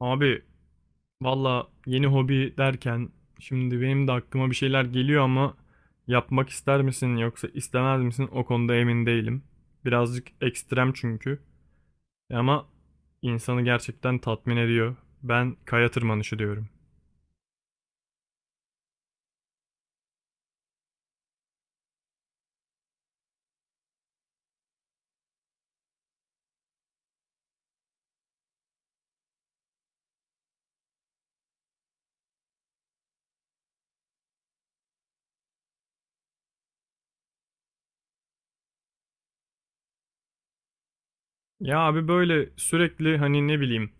Abi, valla yeni hobi derken şimdi benim de aklıma bir şeyler geliyor ama yapmak ister misin yoksa istemez misin o konuda emin değilim. Birazcık ekstrem çünkü ama insanı gerçekten tatmin ediyor. Ben kaya tırmanışı diyorum. Ya abi, böyle sürekli hani ne bileyim.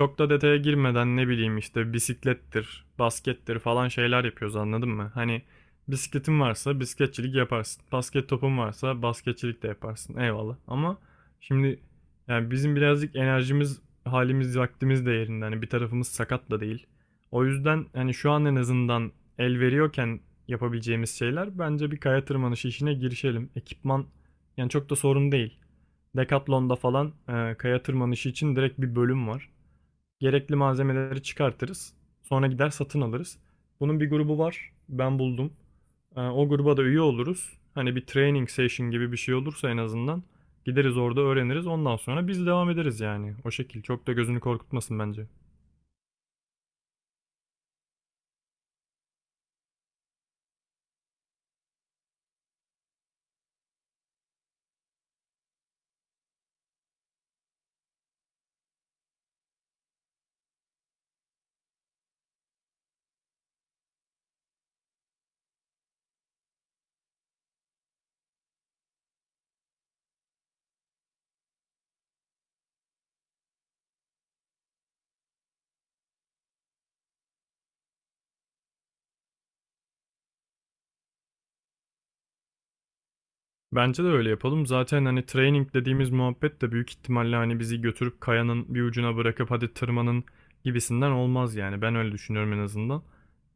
Çok da detaya girmeden ne bileyim işte bisiklettir, baskettir falan şeyler yapıyoruz, anladın mı? Hani bisikletin varsa bisikletçilik yaparsın. Basket topun varsa basketçilik de yaparsın. Eyvallah. Ama şimdi yani bizim birazcık enerjimiz, halimiz, vaktimiz de yerinde. Hani bir tarafımız sakat da değil. O yüzden hani şu an en azından el veriyorken yapabileceğimiz şeyler, bence bir kaya tırmanışı işine girişelim. Ekipman yani çok da sorun değil. Decathlon'da falan kaya tırmanışı için direkt bir bölüm var. Gerekli malzemeleri çıkartırız. Sonra gider satın alırız. Bunun bir grubu var. Ben buldum. O gruba da üye oluruz. Hani bir training session gibi bir şey olursa en azından gideriz orada öğreniriz. Ondan sonra biz devam ederiz yani. O şekil. Çok da gözünü korkutmasın bence. Bence de öyle yapalım. Zaten hani training dediğimiz muhabbet de büyük ihtimalle hani bizi götürüp kayanın bir ucuna bırakıp hadi tırmanın gibisinden olmaz yani. Ben öyle düşünüyorum en azından.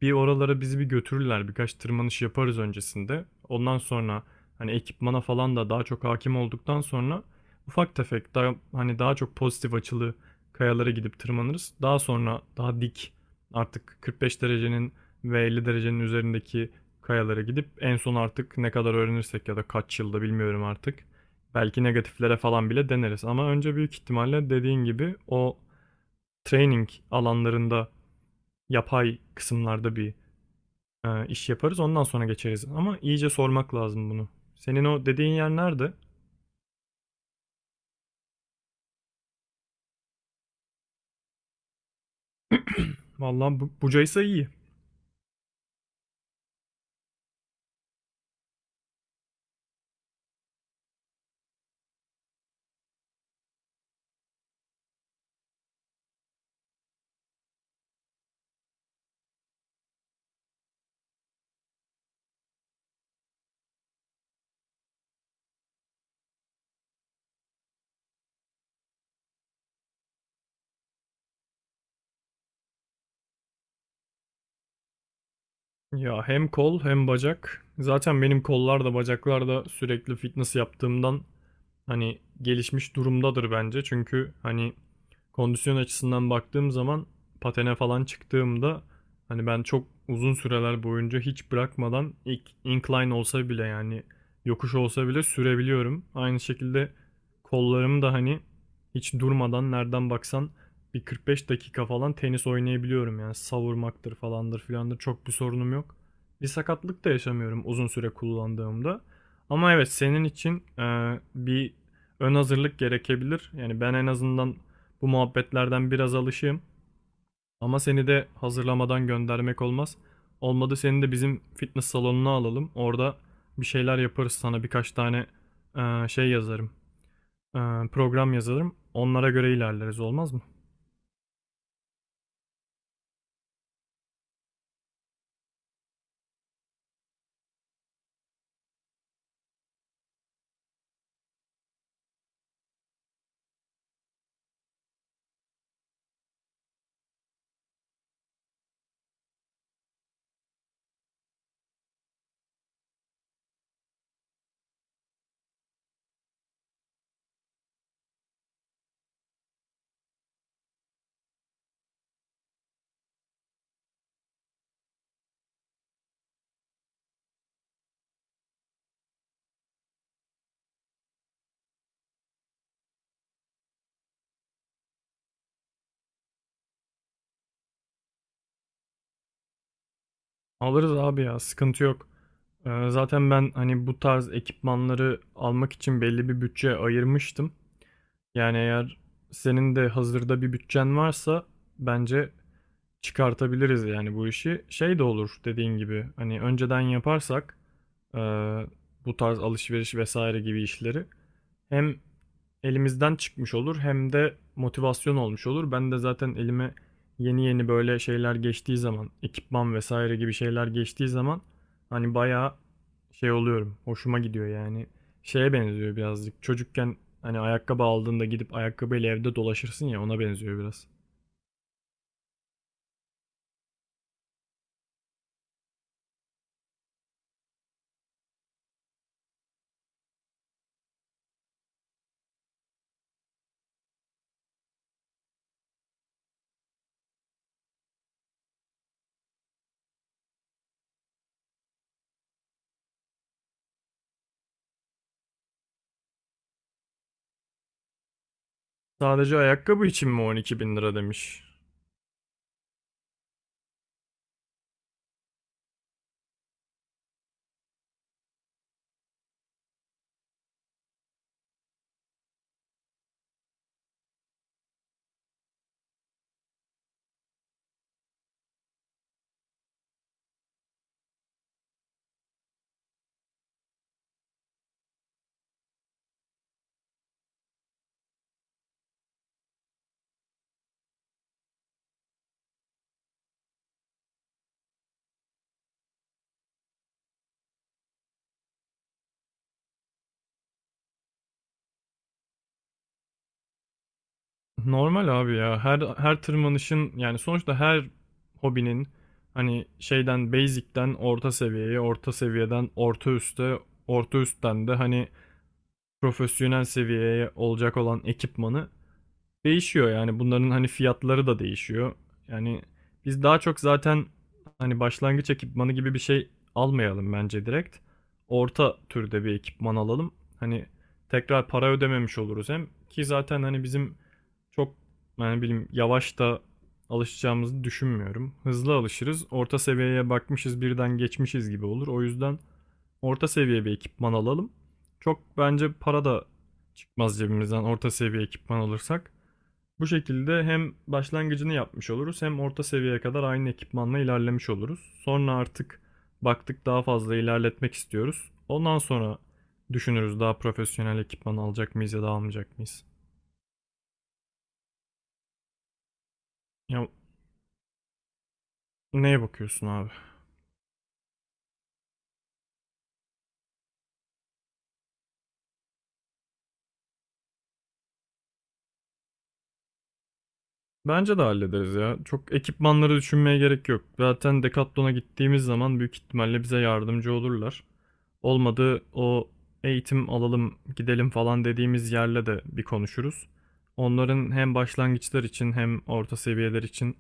Bir oralara bizi bir götürürler. Birkaç tırmanış yaparız öncesinde. Ondan sonra hani ekipmana falan da daha çok hakim olduktan sonra ufak tefek daha hani daha çok pozitif açılı kayalara gidip tırmanırız. Daha sonra daha dik artık 45 derecenin ve 50 derecenin üzerindeki kayalara gidip en son artık ne kadar öğrenirsek ya da kaç yılda bilmiyorum artık. Belki negatiflere falan bile deneriz ama önce büyük ihtimalle dediğin gibi o training alanlarında yapay kısımlarda bir iş yaparız, ondan sonra geçeriz ama iyice sormak lazım bunu. Senin o dediğin yer nerede? Vallahi bucaysa iyi. Ya hem kol hem bacak. Zaten benim kollar da bacaklar da sürekli fitness yaptığımdan hani gelişmiş durumdadır bence. Çünkü hani kondisyon açısından baktığım zaman patene falan çıktığımda hani ben çok uzun süreler boyunca hiç bırakmadan ilk incline olsa bile yani yokuş olsa bile sürebiliyorum. Aynı şekilde kollarım da hani hiç durmadan nereden baksan bir 45 dakika falan tenis oynayabiliyorum yani savurmaktır falandır filandır çok bir sorunum yok. Bir sakatlık da yaşamıyorum uzun süre kullandığımda. Ama evet, senin için bir ön hazırlık gerekebilir. Yani ben en azından bu muhabbetlerden biraz alışığım. Ama seni de hazırlamadan göndermek olmaz. Olmadı seni de bizim fitness salonuna alalım. Orada bir şeyler yaparız, sana birkaç tane şey yazarım. Program yazarım. Onlara göre ilerleriz, olmaz mı? Alırız abi ya, sıkıntı yok. Zaten ben hani bu tarz ekipmanları almak için belli bir bütçe ayırmıştım. Yani eğer senin de hazırda bir bütçen varsa bence çıkartabiliriz yani bu işi. Şey de olur dediğin gibi, hani önceden yaparsak e, bu tarz alışveriş vesaire gibi işleri hem elimizden çıkmış olur hem de motivasyon olmuş olur. Ben de zaten elime yeni yeni böyle şeyler geçtiği zaman, ekipman vesaire gibi şeyler geçtiği zaman, hani bayağı şey oluyorum. Hoşuma gidiyor yani. Şeye benziyor birazcık. Çocukken hani ayakkabı aldığında gidip ayakkabıyla evde dolaşırsın ya, ona benziyor biraz. Sadece ayakkabı için mi 12 bin lira demiş? Normal abi ya. Her tırmanışın yani sonuçta her hobinin hani şeyden basic'ten orta seviyeye, orta seviyeden orta üste, orta üstten de hani profesyonel seviyeye olacak olan ekipmanı değişiyor yani, bunların hani fiyatları da değişiyor. Yani biz daha çok zaten hani başlangıç ekipmanı gibi bir şey almayalım bence direkt. Orta türde bir ekipman alalım. Hani tekrar para ödememiş oluruz hem, ki zaten hani bizim çok yani bilim yavaş da alışacağımızı düşünmüyorum. Hızlı alışırız. Orta seviyeye bakmışız birden geçmişiz gibi olur. O yüzden orta seviye bir ekipman alalım. Çok bence para da çıkmaz cebimizden orta seviye ekipman alırsak. Bu şekilde hem başlangıcını yapmış oluruz hem orta seviyeye kadar aynı ekipmanla ilerlemiş oluruz. Sonra artık baktık daha fazla ilerletmek istiyoruz, ondan sonra düşünürüz daha profesyonel ekipman alacak mıyız ya da almayacak mıyız. Ya neye bakıyorsun abi? Bence de hallederiz ya. Çok ekipmanları düşünmeye gerek yok. Zaten Decathlon'a gittiğimiz zaman büyük ihtimalle bize yardımcı olurlar. Olmadı o eğitim alalım gidelim falan dediğimiz yerle de bir konuşuruz. Onların hem başlangıçlar için hem orta seviyeler için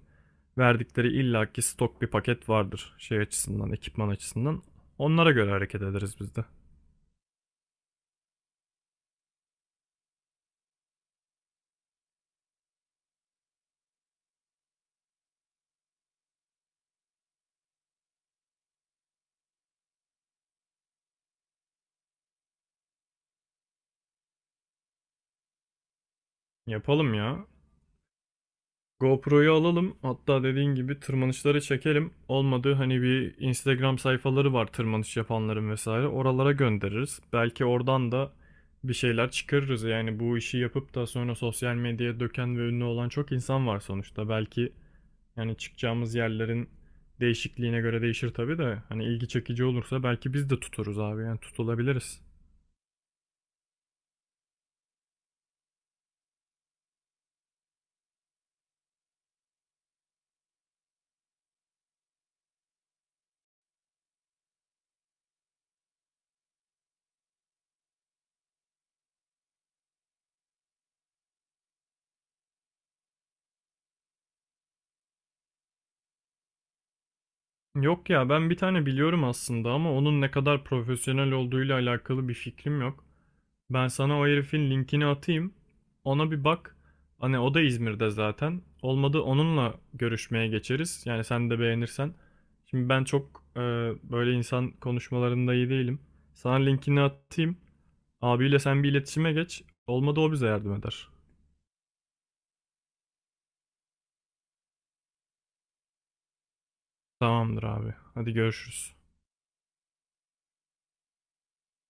verdikleri illaki stok bir paket vardır şey açısından, ekipman açısından. Onlara göre hareket ederiz biz de. Yapalım ya. GoPro'yu alalım. Hatta dediğin gibi tırmanışları çekelim. Olmadı hani bir Instagram sayfaları var tırmanış yapanların vesaire. Oralara göndeririz. Belki oradan da bir şeyler çıkarırız. Yani bu işi yapıp da sonra sosyal medyaya döken ve ünlü olan çok insan var sonuçta. Belki yani çıkacağımız yerlerin değişikliğine göre değişir tabii de hani ilgi çekici olursa belki biz de tuturuz abi. Yani tutulabiliriz. Yok ya, ben bir tane biliyorum aslında ama onun ne kadar profesyonel olduğuyla alakalı bir fikrim yok. Ben sana o herifin linkini atayım. Ona bir bak. Hani o da İzmir'de zaten. Olmadı onunla görüşmeye geçeriz. Yani sen de beğenirsen. Şimdi ben çok böyle insan konuşmalarında iyi değilim. Sana linkini atayım. Abiyle sen bir iletişime geç. Olmadı o bize yardım eder. Tamamdır abi. Hadi görüşürüz.